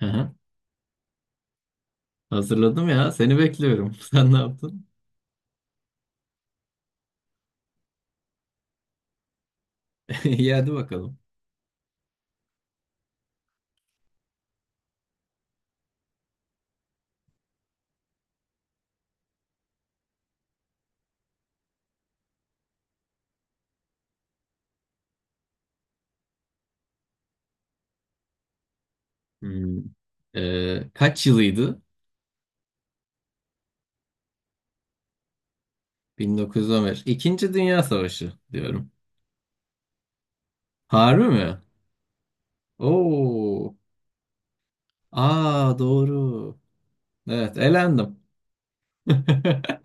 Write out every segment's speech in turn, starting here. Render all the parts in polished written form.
Hı hı. Hazırladım ya. Seni bekliyorum. Sen ne yaptın? İyi hadi bakalım. Hmm. Kaç yılıydı? 1915. İkinci Dünya Savaşı diyorum. Harbi mi? Oo. Aa, doğru. Evet, elendim.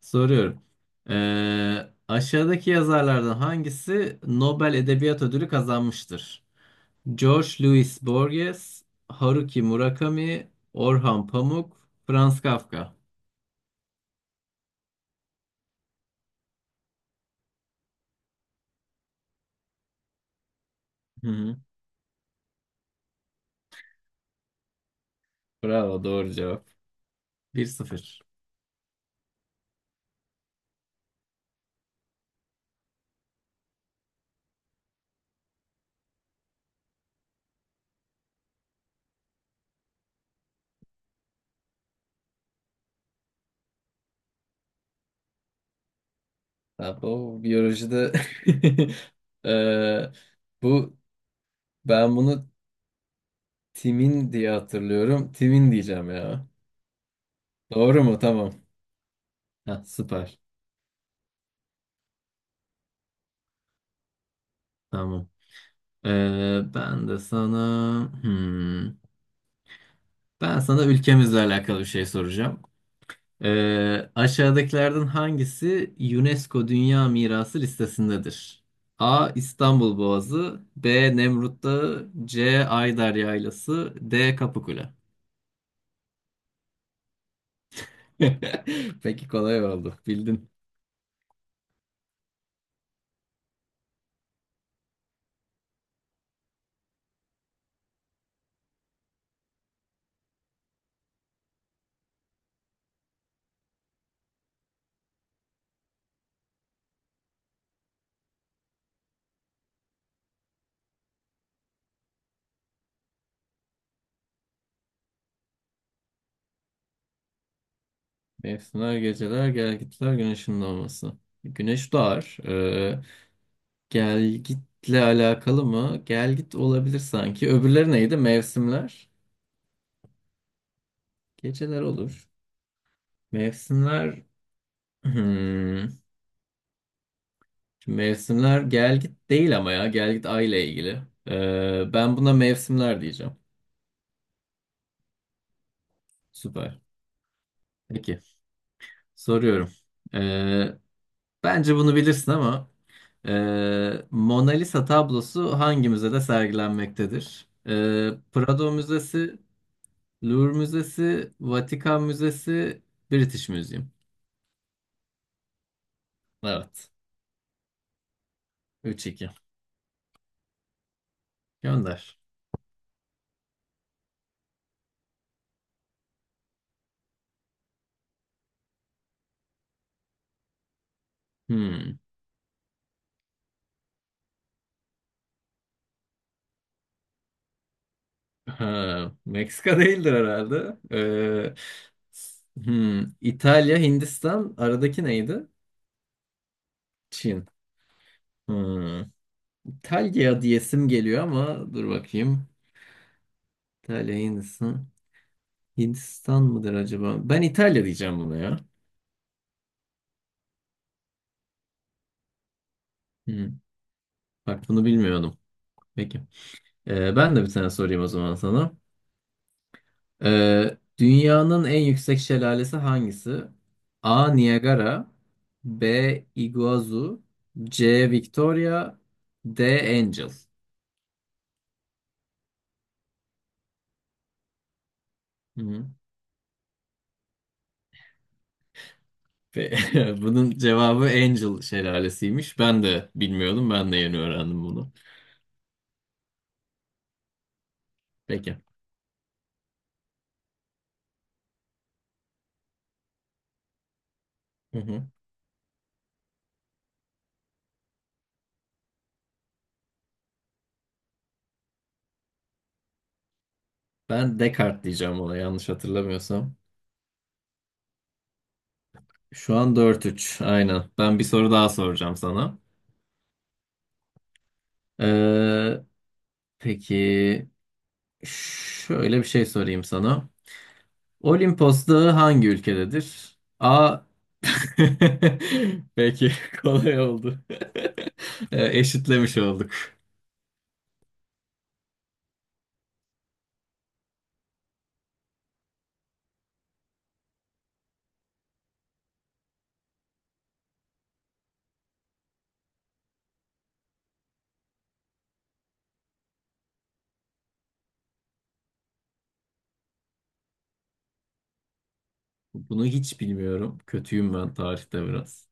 Soruyorum. Aşağıdaki yazarlardan hangisi Nobel Edebiyat Ödülü kazanmıştır? George Louis Borges, Haruki Murakami, Orhan Pamuk, Franz Kafka. Hı. Bravo, doğru cevap. Bir sıfır. Abi, o biyolojide. eee, bu ben bunu timin diye hatırlıyorum. Timin diyeceğim ya. Doğru mu? Tamam. Ha, süper. Tamam. Eee, ben de sana hmm, ben sana ülkemizle alakalı bir şey soracağım. Aşağıdakilerden hangisi UNESCO Dünya Mirası listesindedir? A. İstanbul Boğazı, B. Nemrut Dağı, C. Ayder Yaylası, D. Kapıkule. Peki, kolay oldu. Bildin. Mevsimler, geceler, gelgitler, güneşin doğması. Güneş doğar. Gelgitle alakalı mı? Gelgit olabilir sanki. Öbürleri neydi? Mevsimler. Geceler olur. Mevsimler. Hmm. Mevsimler gel git değil ama ya gel git ay ile ilgili. Ben buna mevsimler diyeceğim. Süper. Peki, soruyorum. Ee, Bence bunu bilirsin ama Mona Lisa tablosu hangi müzede sergilenmektedir? Prado Müzesi, Louvre Müzesi, Vatikan Müzesi, British Museum. Evet. Üç iki. Gönder. Hmm. Ha, Meksika değildir herhalde. İtalya, Hindistan, aradaki neydi? Çin. Hmm. İtalya diyesim geliyor ama dur bakayım. İtalya, Hindistan. Hindistan mıdır acaba? Ben İtalya diyeceğim buna ya. Hmm. Bak, bunu bilmiyordum. Peki. Ben de bir tane sorayım o zaman sana. Dünyanın en yüksek şelalesi hangisi? A. Niagara, B. Iguazu, C. Victoria, D. Angel. Hı hı. Ve bunun cevabı Angel şelalesiymiş. Ben de bilmiyordum. Ben de yeni öğrendim bunu. Peki. Hı hı. Ben Descartes diyeceğim ona, yanlış hatırlamıyorsam. Şu an dört üç. Aynen. Ben bir soru daha soracağım sana. Ee, peki, şöyle bir şey sorayım sana. Olimpos Dağı hangi ülkededir? A. Peki, kolay oldu. Eşitlemiş olduk. Bunu hiç bilmiyorum. Kötüyüm ben tarihte biraz.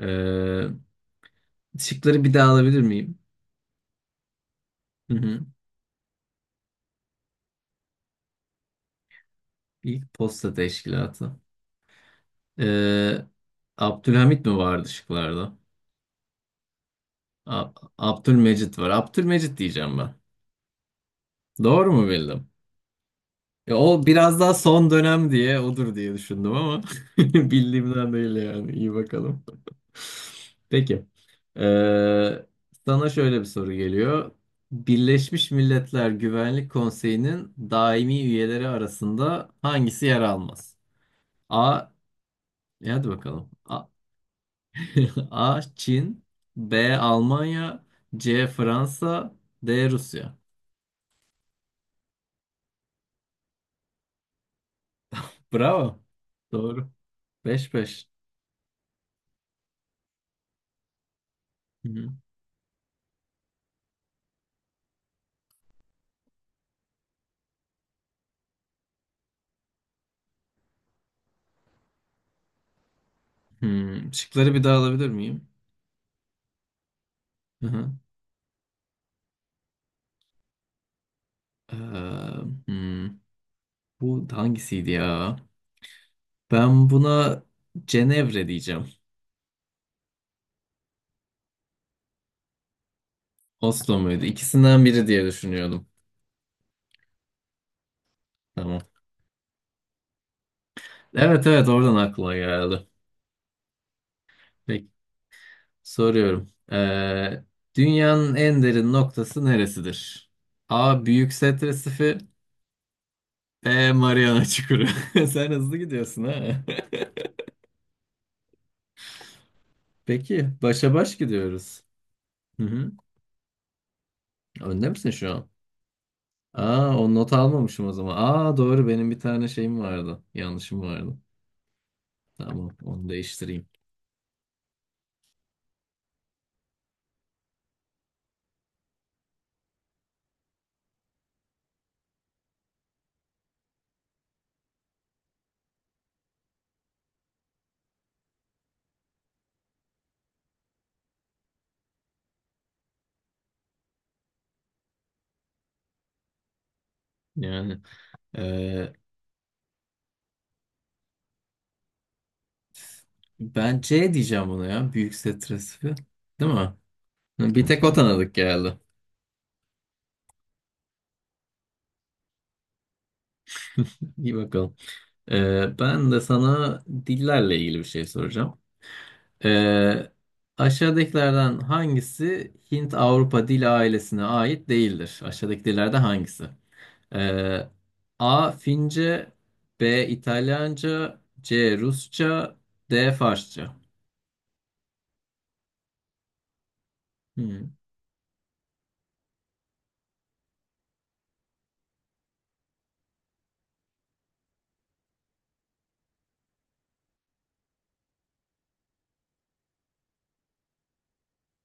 E, şıkları bir daha alabilir miyim? Hı hı. İlk posta teşkilatı. E, Abdülhamit mi vardı şıklarda? Abdülmecit var. Abdülmecit diyeceğim ben. Doğru mu bildim? Ya o biraz daha son dönem diye odur diye düşündüm ama bildiğimden değil yani. İyi bakalım. Peki. Ee, Sana şöyle bir soru geliyor. Birleşmiş Milletler Güvenlik Konseyi'nin daimi üyeleri arasında hangisi yer almaz? A. Hadi bakalım. A, A. Çin, B. Almanya, C. Fransa, D. Rusya. Bravo. Doğru. Beş beş. Şıkları bir daha alabilir miyim? Hı hı. Ee, hmm, Bu hangisiydi ya? Ben buna Cenevre diyeceğim. Oslo muydu? İkisinden biri diye düşünüyordum. Tamam. Evet, evet, oradan aklıma geldi. Peki, soruyorum. Dünyanın en derin noktası neresidir? A. Büyük Set Resifi, B. Mariana Çukuru. Sen hızlı gidiyorsun ha. Peki, başa baş gidiyoruz. Hı hı. Önde misin şu an? Aa, o not almamışım o zaman. Aa, doğru, benim bir tane şeyim vardı. Yanlışım vardı. Tamam, onu değiştireyim. Yani e, ben C diyeceğim buna ya. Büyük stresi. Değil mi? Bir tek o tanıdık geldi. İyi bakalım. Ben de sana dillerle ilgili bir şey soracağım. E, Aşağıdakilerden hangisi Hint-Avrupa dil ailesine ait değildir? Aşağıdaki dillerde hangisi? Ee, A. Fince, B. İtalyanca, C. Rusça, D. Farsça. Hmm.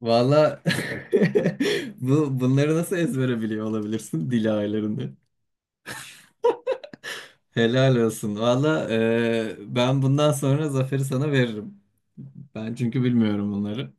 Valla, bunları nasıl ezbere biliyor olabilirsin dil ayarlarını? Helal olsun. Valla, ben bundan sonra zaferi sana veririm. Ben çünkü bilmiyorum bunları.